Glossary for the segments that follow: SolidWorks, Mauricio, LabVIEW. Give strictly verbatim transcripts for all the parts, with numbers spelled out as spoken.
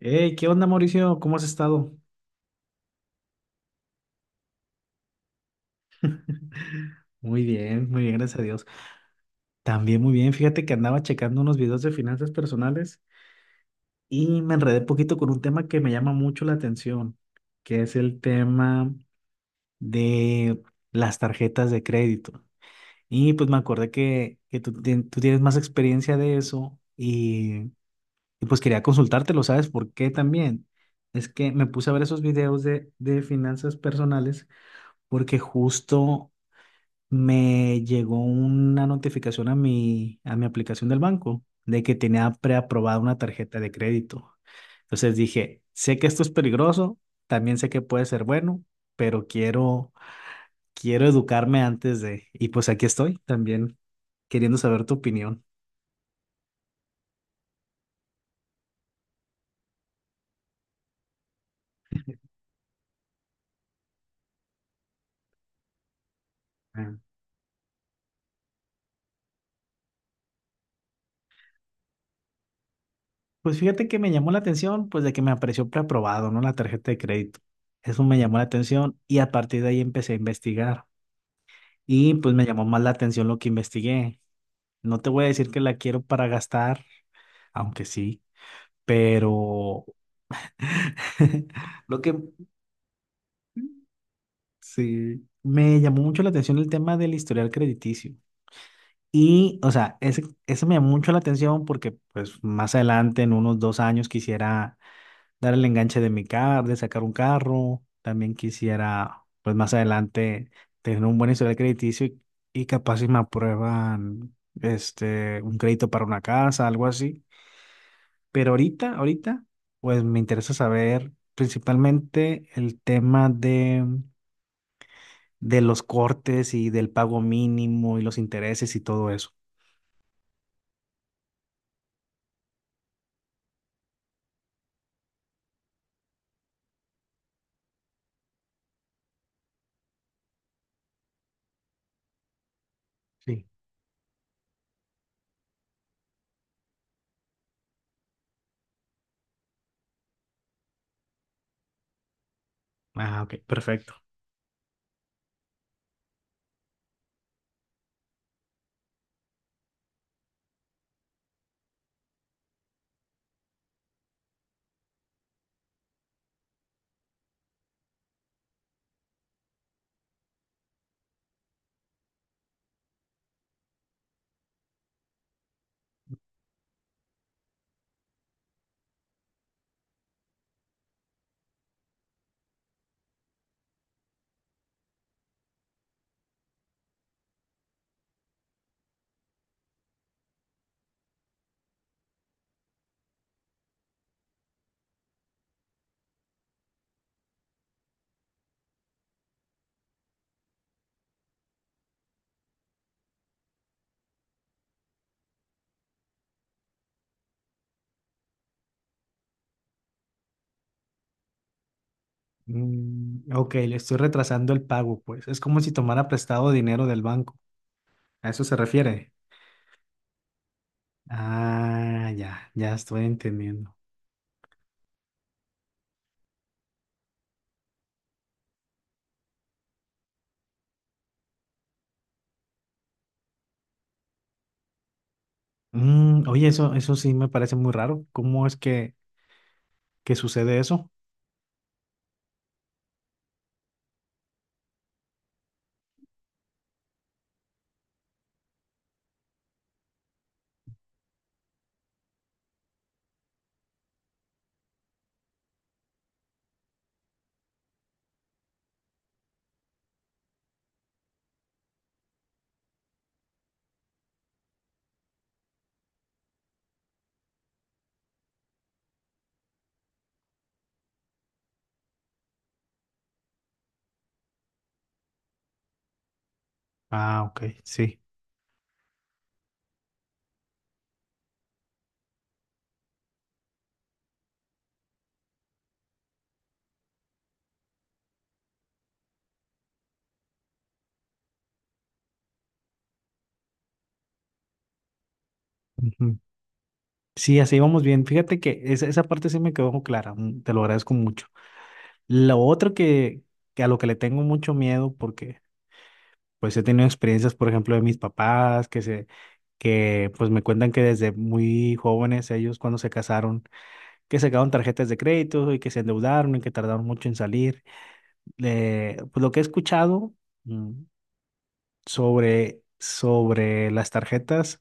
Hey, ¿qué onda, Mauricio? ¿Cómo has estado? Muy bien, muy bien, gracias a Dios. También muy bien. Fíjate que andaba checando unos videos de finanzas personales y me enredé poquito con un tema que me llama mucho la atención, que es el tema de las tarjetas de crédito. Y pues me acordé que, que tú, tien- tú tienes más experiencia de eso y, y pues quería consultártelo, ¿sabes por qué también? Es que me puse a ver esos videos de, de finanzas personales porque justo me llegó una notificación a mi, a mi aplicación del banco de que tenía preaprobada una tarjeta de crédito. Entonces dije, sé que esto es peligroso, también sé que puede ser bueno, pero quiero, quiero educarme antes de. Y pues aquí estoy también queriendo saber tu opinión. Ah. Pues fíjate que me llamó la atención, pues de que me apareció preaprobado, ¿no? La tarjeta de crédito. Eso me llamó la atención y a partir de ahí empecé a investigar. Y pues me llamó más la atención lo que investigué. No te voy a decir que la quiero para gastar, aunque sí, pero lo que sí me llamó mucho la atención el tema del historial crediticio. Y, o sea, ese, ese me llamó mucho la atención porque, pues, más adelante, en unos dos años, quisiera dar el enganche de mi carro, de sacar un carro. También quisiera, pues, más adelante, tener un buen historial crediticio y, y capaz si me aprueban, este, un crédito para una casa, algo así. Pero ahorita, ahorita, pues me interesa saber principalmente el tema de, de los cortes y del pago mínimo y los intereses y todo eso. Sí. Ah, ok, perfecto. Mm, ok, le estoy retrasando el pago, pues. Es como si tomara prestado dinero del banco. ¿A eso se refiere? Ah, ya, ya estoy entendiendo. Mm, oye, eso, eso sí me parece muy raro. ¿Cómo es que, que sucede eso? Ah, ok, sí. Ujú. Sí, así vamos bien. Fíjate que esa, esa parte sí me quedó clara. mm, Te lo agradezco mucho. Lo otro que, que a lo que le tengo mucho miedo, porque pues he tenido experiencias, por ejemplo, de mis papás, que se, que pues me cuentan que desde muy jóvenes ellos cuando se casaron, que sacaron tarjetas de crédito y que se endeudaron y que tardaron mucho en salir. Eh, pues lo que he escuchado mm, sobre, sobre las tarjetas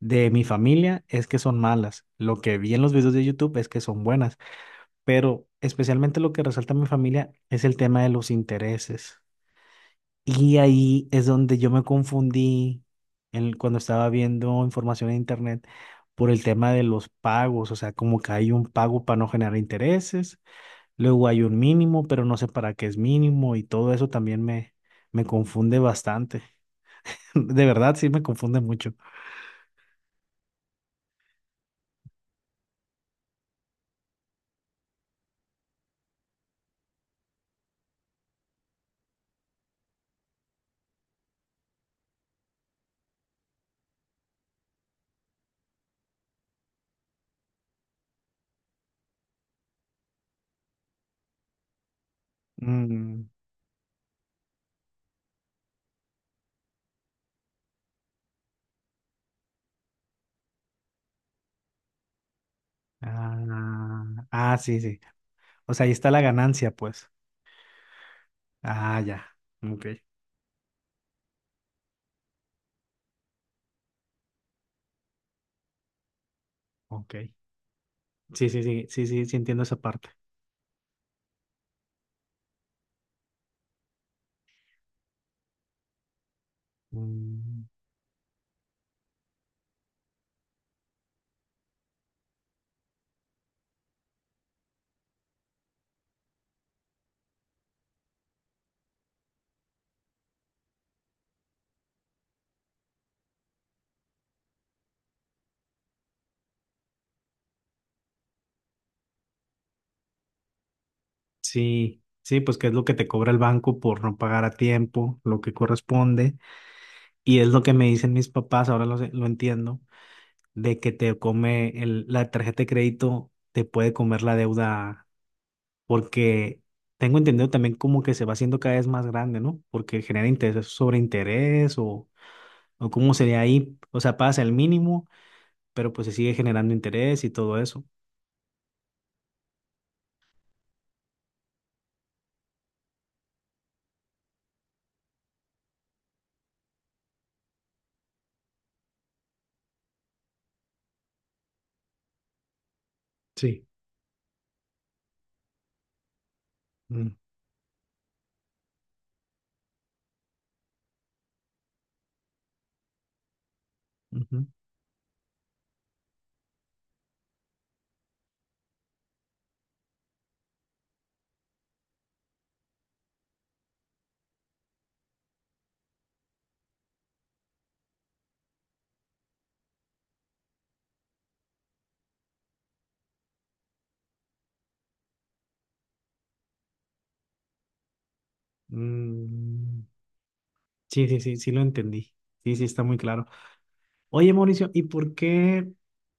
de mi familia es que son malas. Lo que vi en los videos de YouTube es que son buenas. Pero especialmente lo que resalta mi familia es el tema de los intereses. Y ahí es donde yo me confundí en- cuando estaba viendo información en internet por el tema de los pagos, o sea, como que hay un pago para no generar intereses, luego hay un mínimo, pero no sé para qué es mínimo y todo eso también me, me confunde bastante. De verdad, sí me confunde mucho. Mm, ah, ah, sí, sí. O sea, ahí está la ganancia, pues. Ah, ya. Ok, ok. Sí, sí, sí, sí, sí, sí entiendo esa parte. Mm, sí, sí, pues que es lo que te cobra el banco por no pagar a tiempo, lo que corresponde. Y es lo que me dicen mis papás, ahora lo, sé- lo entiendo, de que te come el- la tarjeta de crédito, te puede comer la deuda, porque tengo entendido también como que se va haciendo cada vez más grande, ¿no? Porque genera interés sobre interés o, o cómo sería ahí. O sea, pasa el mínimo, pero pues se sigue generando interés y todo eso. Sí. Mm, ujú. Mm, sí, sí, sí, sí lo entendí. Sí, sí, está muy claro. Oye, Mauricio, ¿y por qué?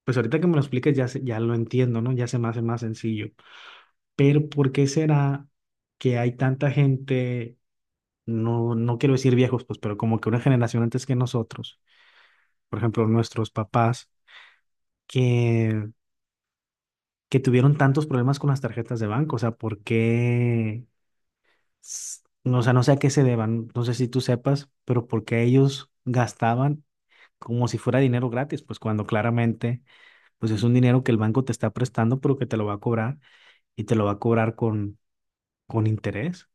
Pues ahorita que me lo expliques ya, se- ya lo entiendo, ¿no? Ya se me hace más sencillo. Pero ¿por qué será que hay tanta gente, no, no quiero decir viejos, pues, pero como que una generación antes que nosotros, por ejemplo, nuestros papás, que, que tuvieron tantos problemas con las tarjetas de banco? O sea, ¿por qué? s- No, o sea, no sé a qué se deban, no sé si tú sepas, pero ¿por qué ellos gastaban como si fuera dinero gratis, pues cuando claramente pues es un dinero que el banco te está prestando, pero que te lo va a cobrar y te lo va a cobrar con, con interés?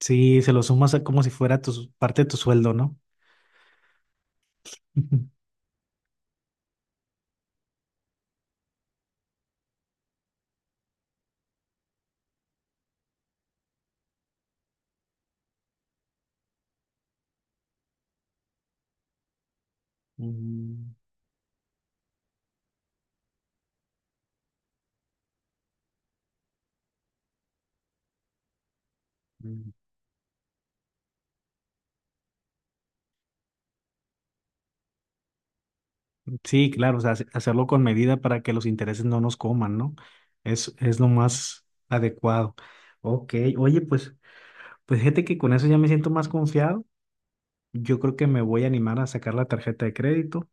Sí, se lo sumas a como si fuera tu, parte de tu sueldo, ¿no? Mm, mm. Sí, claro, o sea, hace- hacerlo con medida para que los intereses no nos coman, ¿no? Es, es lo más adecuado. Ok, oye, pues, pues fíjate que con eso ya me siento más confiado. Yo creo que me voy a animar a sacar la tarjeta de crédito.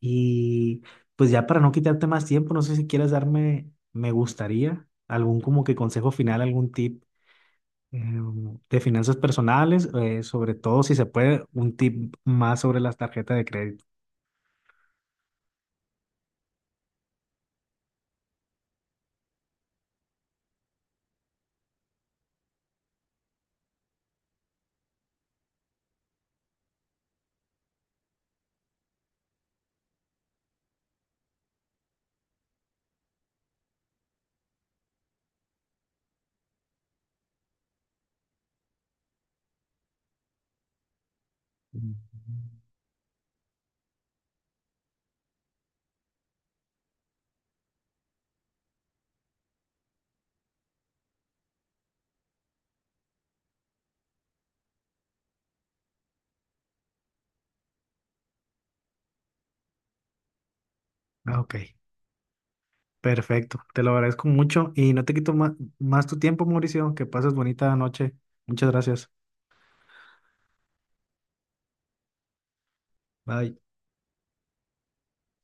Y pues ya para no quitarte más tiempo, no sé si quieres darme, me gustaría, algún como que consejo final, algún tip eh, de finanzas personales, eh, sobre todo si se puede, un tip más sobre las tarjetas de crédito. Mm. Ah, ok, perfecto. Te lo agradezco mucho y no te quito ma- más tu tiempo, Mauricio. Que pases bonita noche. Muchas gracias. Bye.